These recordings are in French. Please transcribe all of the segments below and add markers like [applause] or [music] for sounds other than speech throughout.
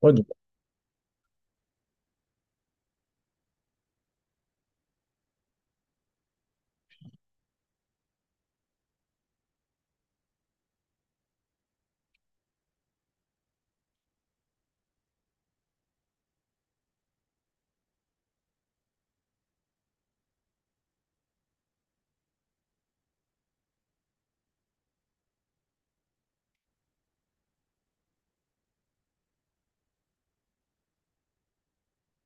Ouais,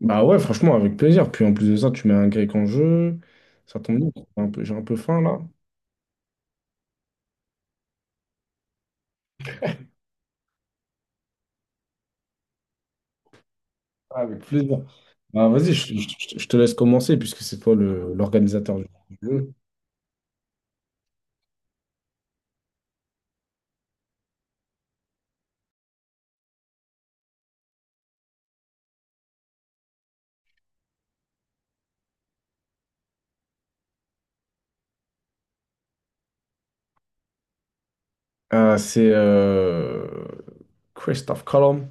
bah ouais, franchement, avec plaisir. Puis en plus de ça, tu mets un grec en jeu. Ça tombe bien, j'ai un peu faim là. Ah, avec plaisir. Bah vas-y, je te laisse commencer puisque c'est toi l'organisateur du jeu. Ah, c'est Christophe Colomb.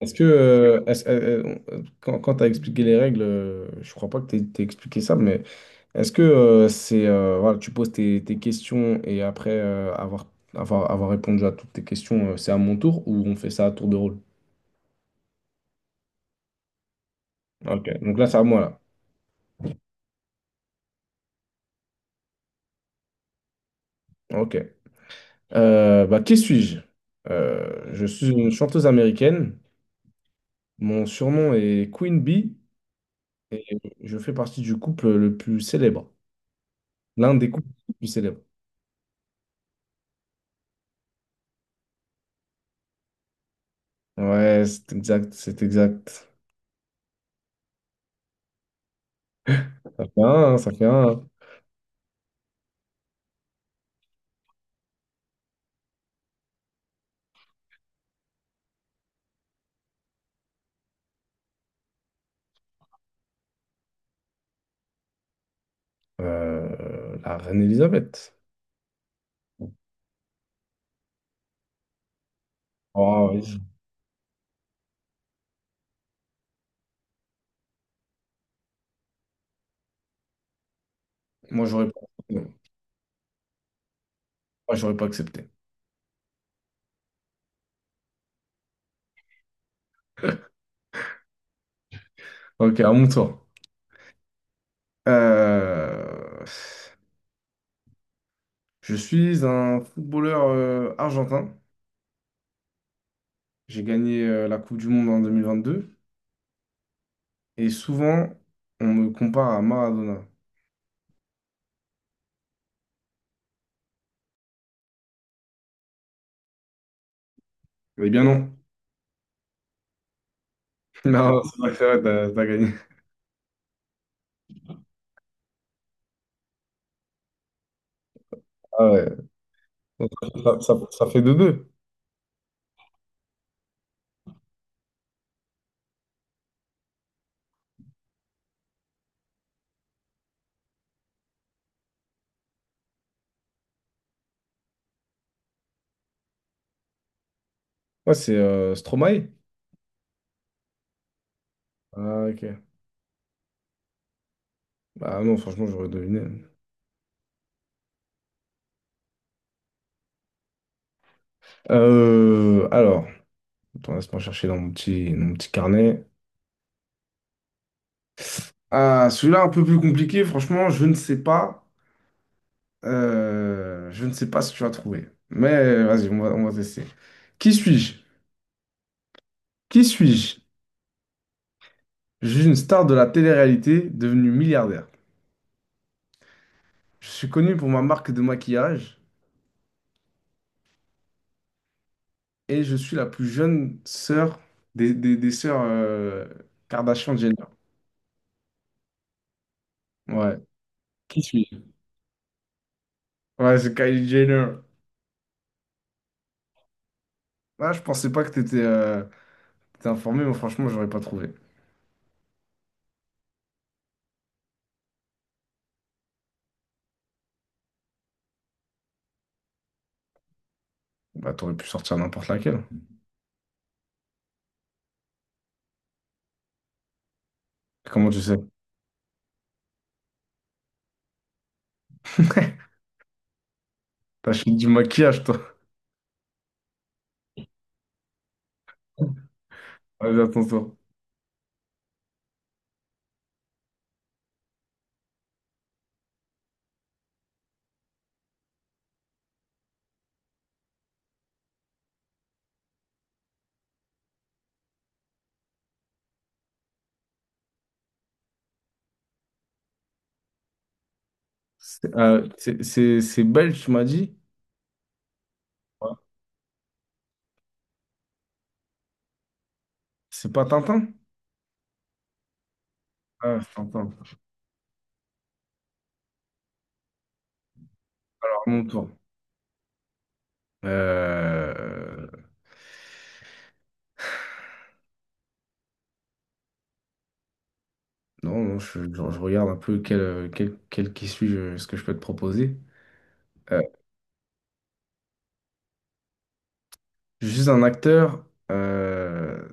Est-ce que, euh, est-ce- euh, quand tu as expliqué les règles, je crois pas que tu t'aies expliqué ça, mais est-ce que c'est voilà, tu poses tes questions et après avoir répondu à toutes tes questions, c'est à mon tour ou on fait ça à tour de rôle? Ok, donc là, c'est à moi, là. Ok. Bah, qui suis-je? Je suis une chanteuse américaine. Mon surnom est Queen Bee et je fais partie du couple le plus célèbre. L'un des couples les plus célèbres. Ouais, c'est exact, c'est exact. Ça fait un, hein, ça fait un, hein. La reine Elisabeth. Oh, oui. Moi, j'aurais pas, non. Moi, j'aurais pas accepté. Ok, à mon tour. Euh, Je suis un footballeur argentin. J'ai gagné la Coupe du Monde en 2022. Et souvent, on me compare à Maradona. Eh bien non. [laughs] Non, c'est vrai, t'as gagné. Ah ouais. Donc, ça fait 2-2. Ouais, c'est Stromae. Ah, ok. Bah non, franchement, j'aurais deviné. Alors, attends, laisse-moi chercher dans mon petit carnet. Ah, celui-là, un peu plus compliqué, franchement, je ne sais pas. Je ne sais pas si tu as trouvé. Mais vas-y, on va tester. Qui suis-je? Qui suis-je? Je suis une star de la télé-réalité devenue milliardaire. Je suis connue pour ma marque de maquillage et je suis la plus jeune sœur des sœurs Kardashian-Jenner. Ouais, ouais, c'est Kylie Jenner. Ah, je pensais pas que t'étais informé, mais franchement, j'aurais pas trouvé. Bah, t'aurais pu sortir n'importe laquelle. Comment tu sais? [laughs] T'achètes du maquillage, toi. Allez, à ton tour. C'est belge, tu m'as dit? Ouais. C'est pas Tintin? Ah, c'est Tintin. Alors, mon tour. Euh, Non, non, je regarde un peu quel qui suis je ce que je peux te proposer. Euh, je suis un acteur. euh,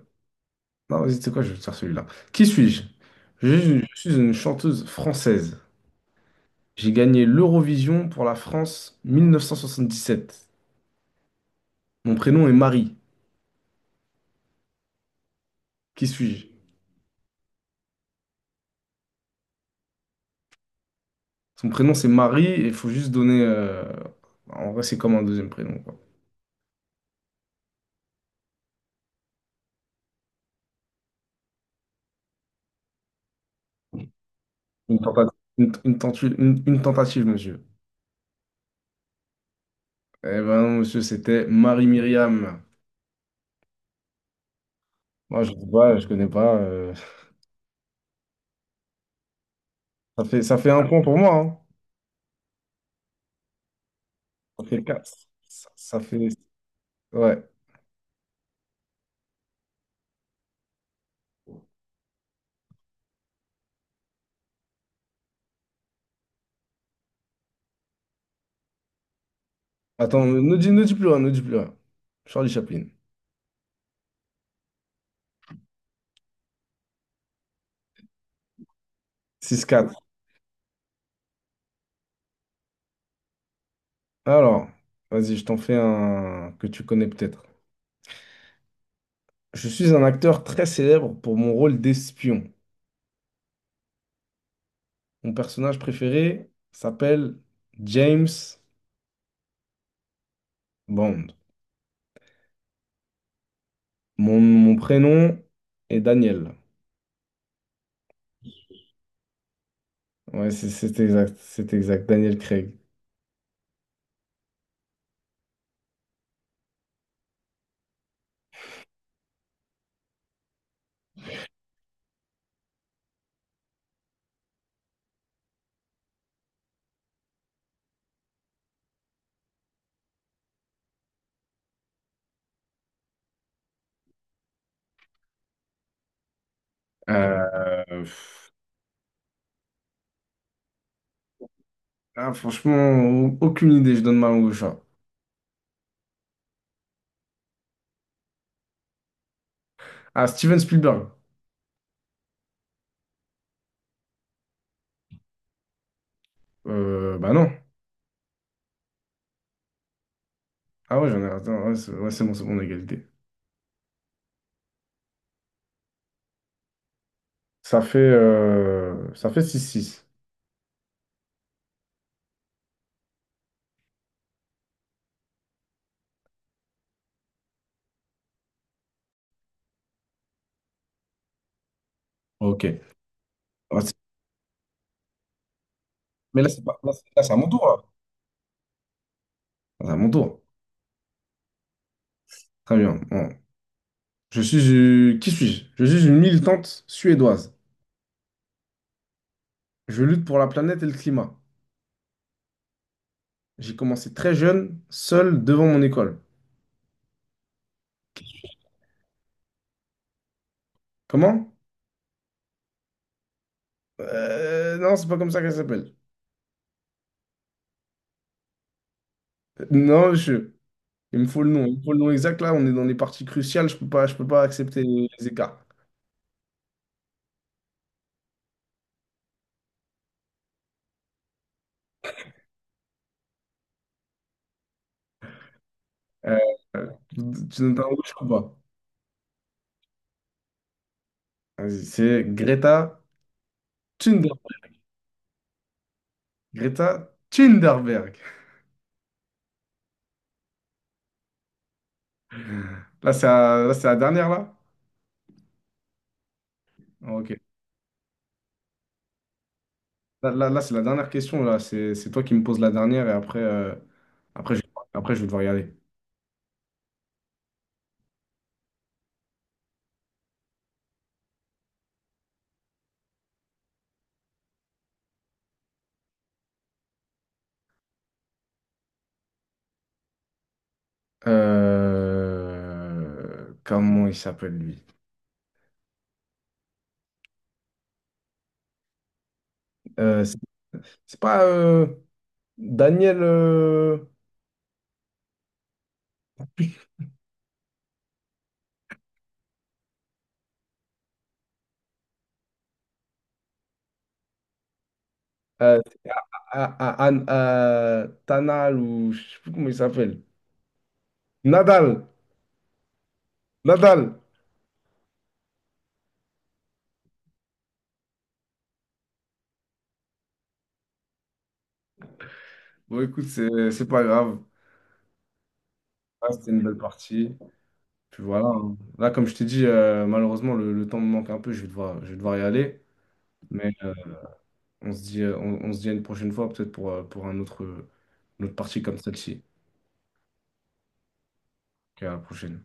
Non, vas-y, tu sais quoi, je vais te faire celui-là. Qui suis-je? Je suis une chanteuse française. J'ai gagné l'Eurovision pour la France 1977. Mon prénom est Marie. Qui suis-je? Son prénom c'est Marie et il faut juste donner. En vrai, c'est comme un deuxième prénom, quoi. Une tentative, une tentative, monsieur. Eh ben non, monsieur, c'était Marie-Myriam. Moi, je sais pas, je connais pas. Ça fait un point pour moi, hein. Ça fait quatre. Ça fait. Ouais. Attends, ne dis, ne dis plus rien, ne dis plus rien. Charlie Chaplin. 6-4. Alors, vas-y, je t'en fais un que tu connais peut-être. Je suis un acteur très célèbre pour mon rôle d'espion. Mon personnage préféré s'appelle James Bond. Mon prénom est Daniel. Ouais, c'est exact, Daniel Craig. Euh, pff, ah, franchement, aucune idée, je donne ma langue au chat. Ah, Steven Spielberg. Bah non. Ah ouais, j'en ai. Attends, ouais, c'est bon, on a égalité. Ça fait 6-6. Ok. Ah, Mais là, c'est pas, là, c'est à mon tour, là. C'est à mon tour. Très bien. Bon. Je suis. Qui suis-je? Je suis une militante suédoise. Je lutte pour la planète et le climat. J'ai commencé très jeune, seul, devant mon école. Comment? Non, c'est pas comme ça qu'elle s'appelle. Non, monsieur. Il me faut le nom. Il me faut le nom exact. Là, on est dans des parties cruciales. Je peux pas accepter les écarts. Euh, euh, Tu donnes un rouge ou pas? Vas-y, c'est Greta Thunberg. Greta Thunberg. Là, c'est la dernière, là? Ah, Ok. Là, là, là, c'est la dernière question, là. C'est toi qui me poses la dernière et après, je, après, je vais devoir y aller. Comment il s'appelle, lui? Euh, c'est c'est pas Daniel. [laughs] Euh, Tanal ou je sais plus comment il s'appelle. Nadal. Nadal. Bon, écoute, c'est pas grave. Ah, c'était une belle partie. Puis voilà, hein. Là, comme je t'ai dit, malheureusement, le temps me manque un peu. Je vais devoir y aller. Mais on se dit, on se dit à une prochaine fois, peut-être pour un autre, une autre partie comme celle-ci. Ok, à la prochaine.